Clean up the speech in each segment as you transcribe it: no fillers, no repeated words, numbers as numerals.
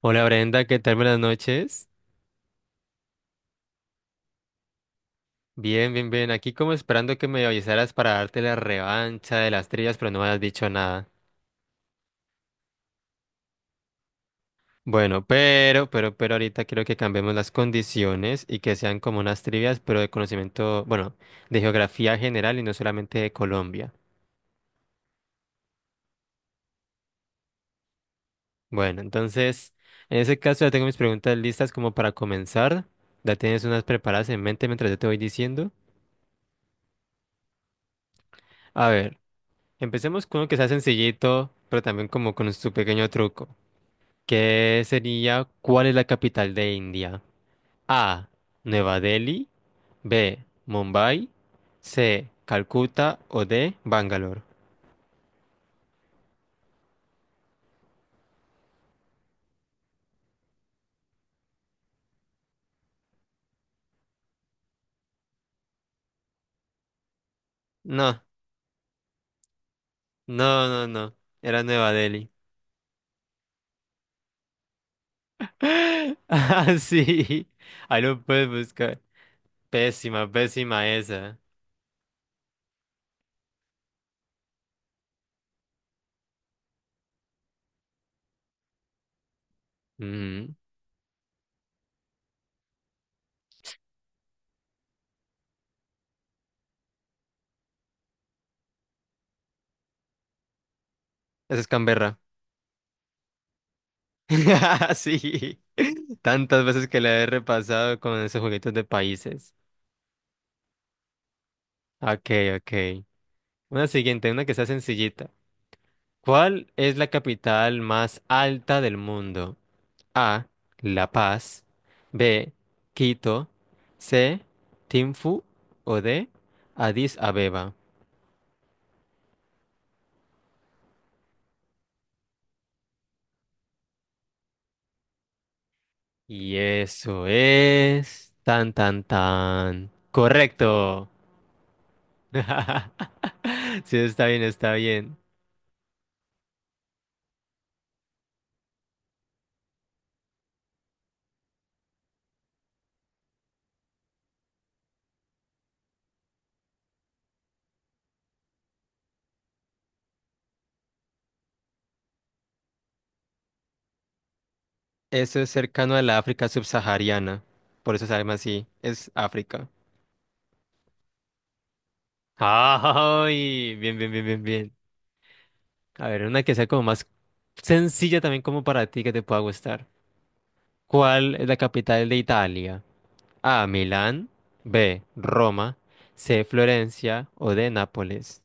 Hola Brenda, ¿qué tal? Buenas noches. Bien, bien, bien. Aquí como esperando que me avisaras para darte la revancha de las trillas, pero no me has dicho nada. Bueno, pero ahorita quiero que cambiemos las condiciones y que sean como unas trivias, pero de conocimiento, bueno, de geografía general y no solamente de Colombia. Bueno, entonces, en ese caso ya tengo mis preguntas listas como para comenzar. Ya tienes unas preparadas en mente mientras yo te voy diciendo. A ver, empecemos con uno que sea sencillito, pero también como con su pequeño truco. ¿Qué sería? ¿Cuál es la capital de India? A. Nueva Delhi. B. Mumbai. C. Calcuta o D. Bangalore. No, no, no, no. Era Nueva Delhi. Ah, sí. Ahí lo puedes buscar. Pésima, pésima esa. Mm. Esa es Canberra. Sí. Tantas veces que la he repasado con esos juguetes de países. Ok, ok. Una siguiente, una que sea sencillita. ¿Cuál es la capital más alta del mundo? A. La Paz. B. Quito. C. Tinfu. O D. Addis Abeba. Y eso es tan tan tan. Correcto. Sí, está bien, está bien. Eso es cercano a la África subsahariana. Por eso se llama así. Es África. ¡Ay! Bien, bien, bien, bien, bien. A ver, una que sea como más sencilla también como para ti que te pueda gustar. ¿Cuál es la capital de Italia? A, Milán, B, Roma, C, Florencia o D, Nápoles.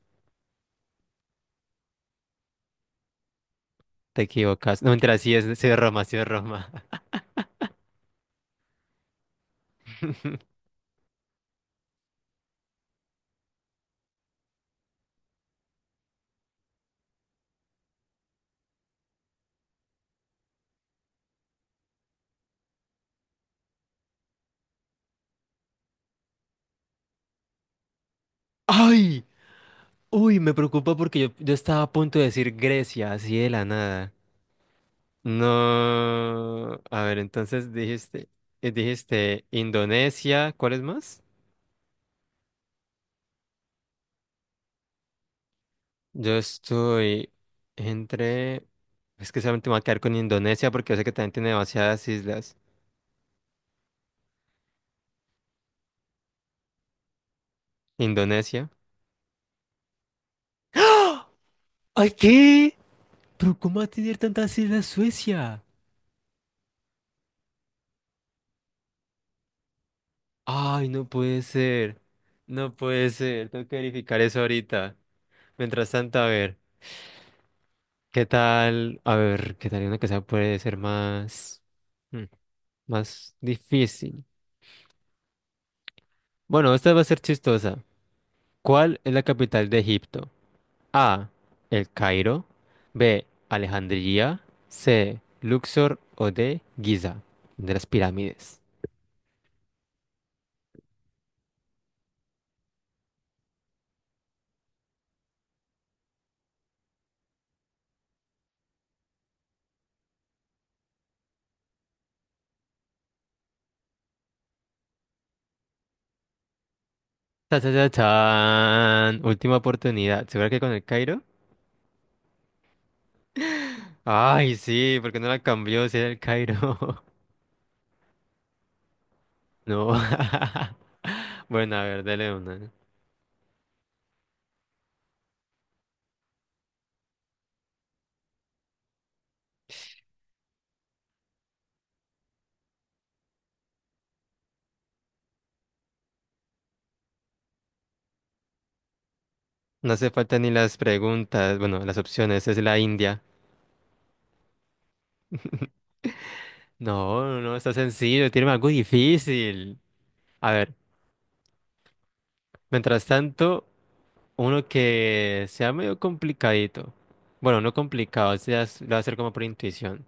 Te equivocas. No, mentira, sí es Roma, sí es Roma. ¡Ay! Uy, me preocupa porque yo estaba a punto de decir Grecia, así de la nada. No. A ver, entonces dijiste, dijiste Indonesia, ¿cuál es más? Yo estoy entre... Es que solamente me voy a quedar con Indonesia porque yo sé que también tiene demasiadas islas. Indonesia. ¡Ay, qué! ¿Pero cómo va a tener tantas islas Suecia? ¡Ay, no puede ser! No puede ser. Tengo que verificar eso ahorita. Mientras tanto, a ver. ¿Qué tal? A ver, ¿qué tal una que sea puede ser más... mm, más difícil? Bueno, esta va a ser chistosa. ¿Cuál es la capital de Egipto? A. El Cairo. B. Alejandría. C. Luxor o D. Giza. De las pirámides. Ta, ta, ta, tan. Última oportunidad. ¿Segura que con el Cairo? Ay, sí, ¿por qué no la cambió si era el Cairo? No. Bueno, a ver, dele una. No. No hace falta ni las preguntas. Bueno, las opciones. Es la India. No, no, no, está sencillo. Tiene algo difícil. A ver. Mientras tanto, uno que sea medio complicadito. Bueno, no complicado, se as- lo va a hacer como por intuición.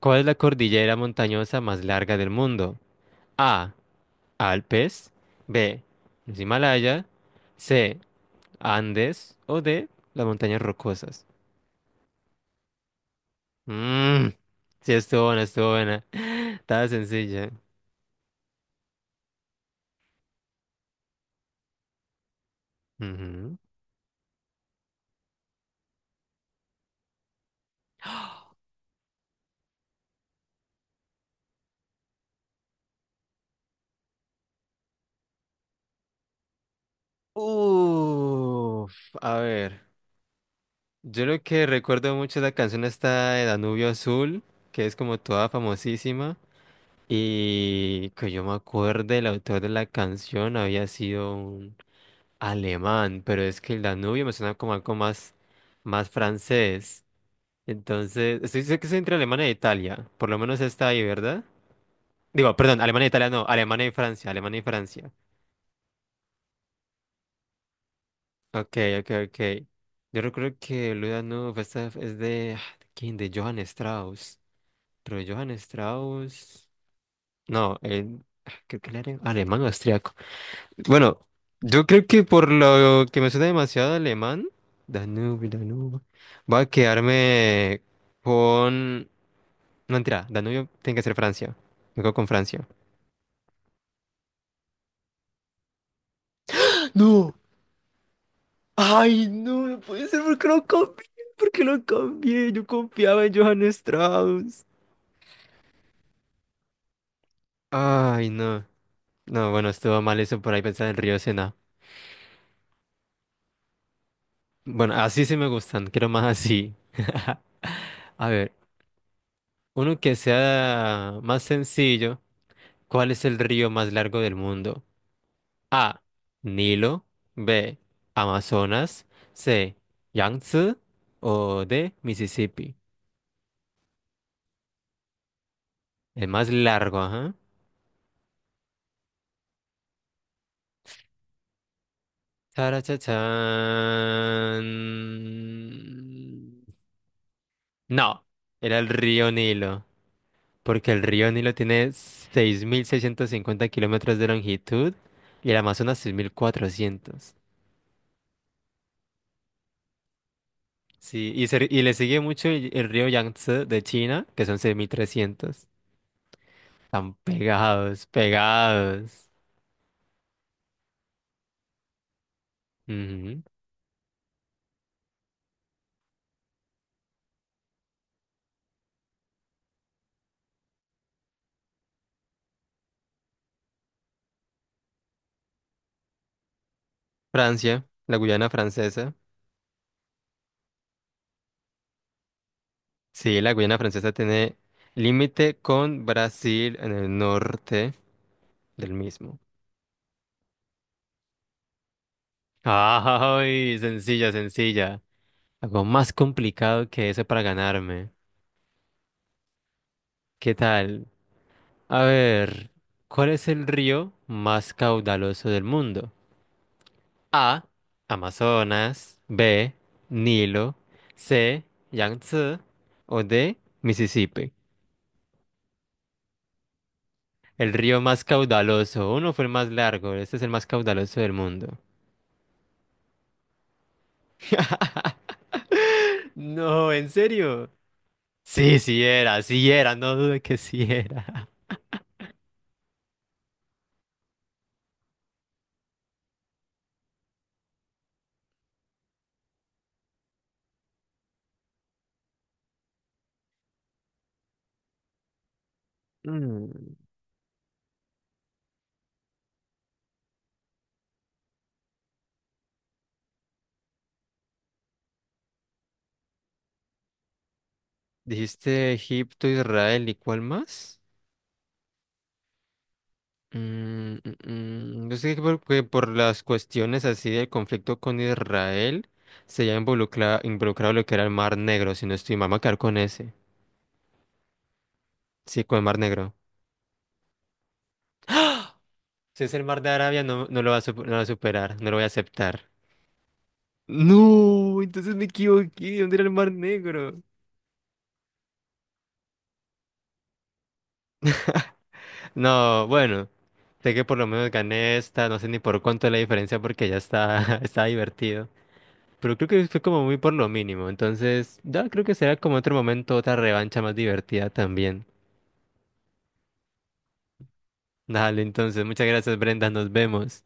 ¿Cuál es la cordillera montañosa más larga del mundo? A. Alpes. B. Los Himalaya. C. Andes. O D. Las montañas rocosas. Mmm. Sí, estuvo buena, estuvo buena. Estaba sencilla. Ujú. Uf, a ver. Yo lo que recuerdo mucho es la canción esta de Danubio Azul, que es como toda famosísima, y que yo me acuerde, el autor de la canción había sido un alemán, pero es que el Danubio me suena como algo más, más francés. Entonces, estoy seguro que es entre Alemania e Italia, por lo menos está ahí, ¿verdad? Digo, perdón, Alemania e Italia no, Alemania y Francia, Alemania y Francia. Ok, ok, ok. Yo recuerdo que Luda Danubio, esta es de, ah, ¿de quién? De Johann Strauss. Pero Johann Strauss. No, creo que él era alemán o austriaco. Bueno, yo creo que por lo que me suena demasiado alemán, Danubio, Danubio, voy a quedarme con. No, mentira, Danubio tiene que ser Francia. Me quedo con Francia. No, ay, no, no puede ser porque lo cambié, porque lo cambié. Yo confiaba en Johann Strauss. Ay, no. No, bueno, estuvo mal eso por ahí pensar en el río Sena. Bueno, así sí me gustan, quiero más así. A ver, uno que sea más sencillo, ¿cuál es el río más largo del mundo? A, Nilo, B, Amazonas, C, Yangtze o D, Mississippi. El más largo, ajá. Tarachachán. No, era el río Nilo. Porque el río Nilo tiene 6650 kilómetros de longitud y el Amazonas 6.400. Sí, y, se- y le sigue mucho el río Yangtze de China, que son 6300. Están pegados, pegados. Ujú. Francia, la Guyana francesa. Sí, la Guyana francesa tiene límite con Brasil en el norte del mismo. ¡Ay! Sencilla, sencilla. Algo más complicado que eso para ganarme. ¿Qué tal? A ver, ¿cuál es el río más caudaloso del mundo? A. Amazonas. B. Nilo. C. Yangtze. O D. Mississippi. El río más caudaloso. Uno fue el más largo. Este es el más caudaloso del mundo. No, ¿en serio? Sí, sí era, sí era. No dude que sí era. Mm. Dijiste Egipto, Israel y ¿cuál más? Mm, mm, Yo sé que que por las cuestiones así del conflicto con Israel se ya involucrado lo que era el Mar Negro, si no estoy mal, me voy a quedar con ese. Sí, con el Mar Negro. Si es el Mar de Arabia, no, no lo va a, sup- no lo va a superar, no lo voy a aceptar. No, entonces me equivoqué, ¿dónde era el Mar Negro? No, bueno, sé que por lo menos gané esta, no sé ni por cuánto es la diferencia porque ya está, está divertido. Pero creo que fue como muy por lo mínimo. Entonces, ya creo que será como otro momento, otra revancha más divertida también. Dale, entonces, muchas gracias, Brenda. Nos vemos.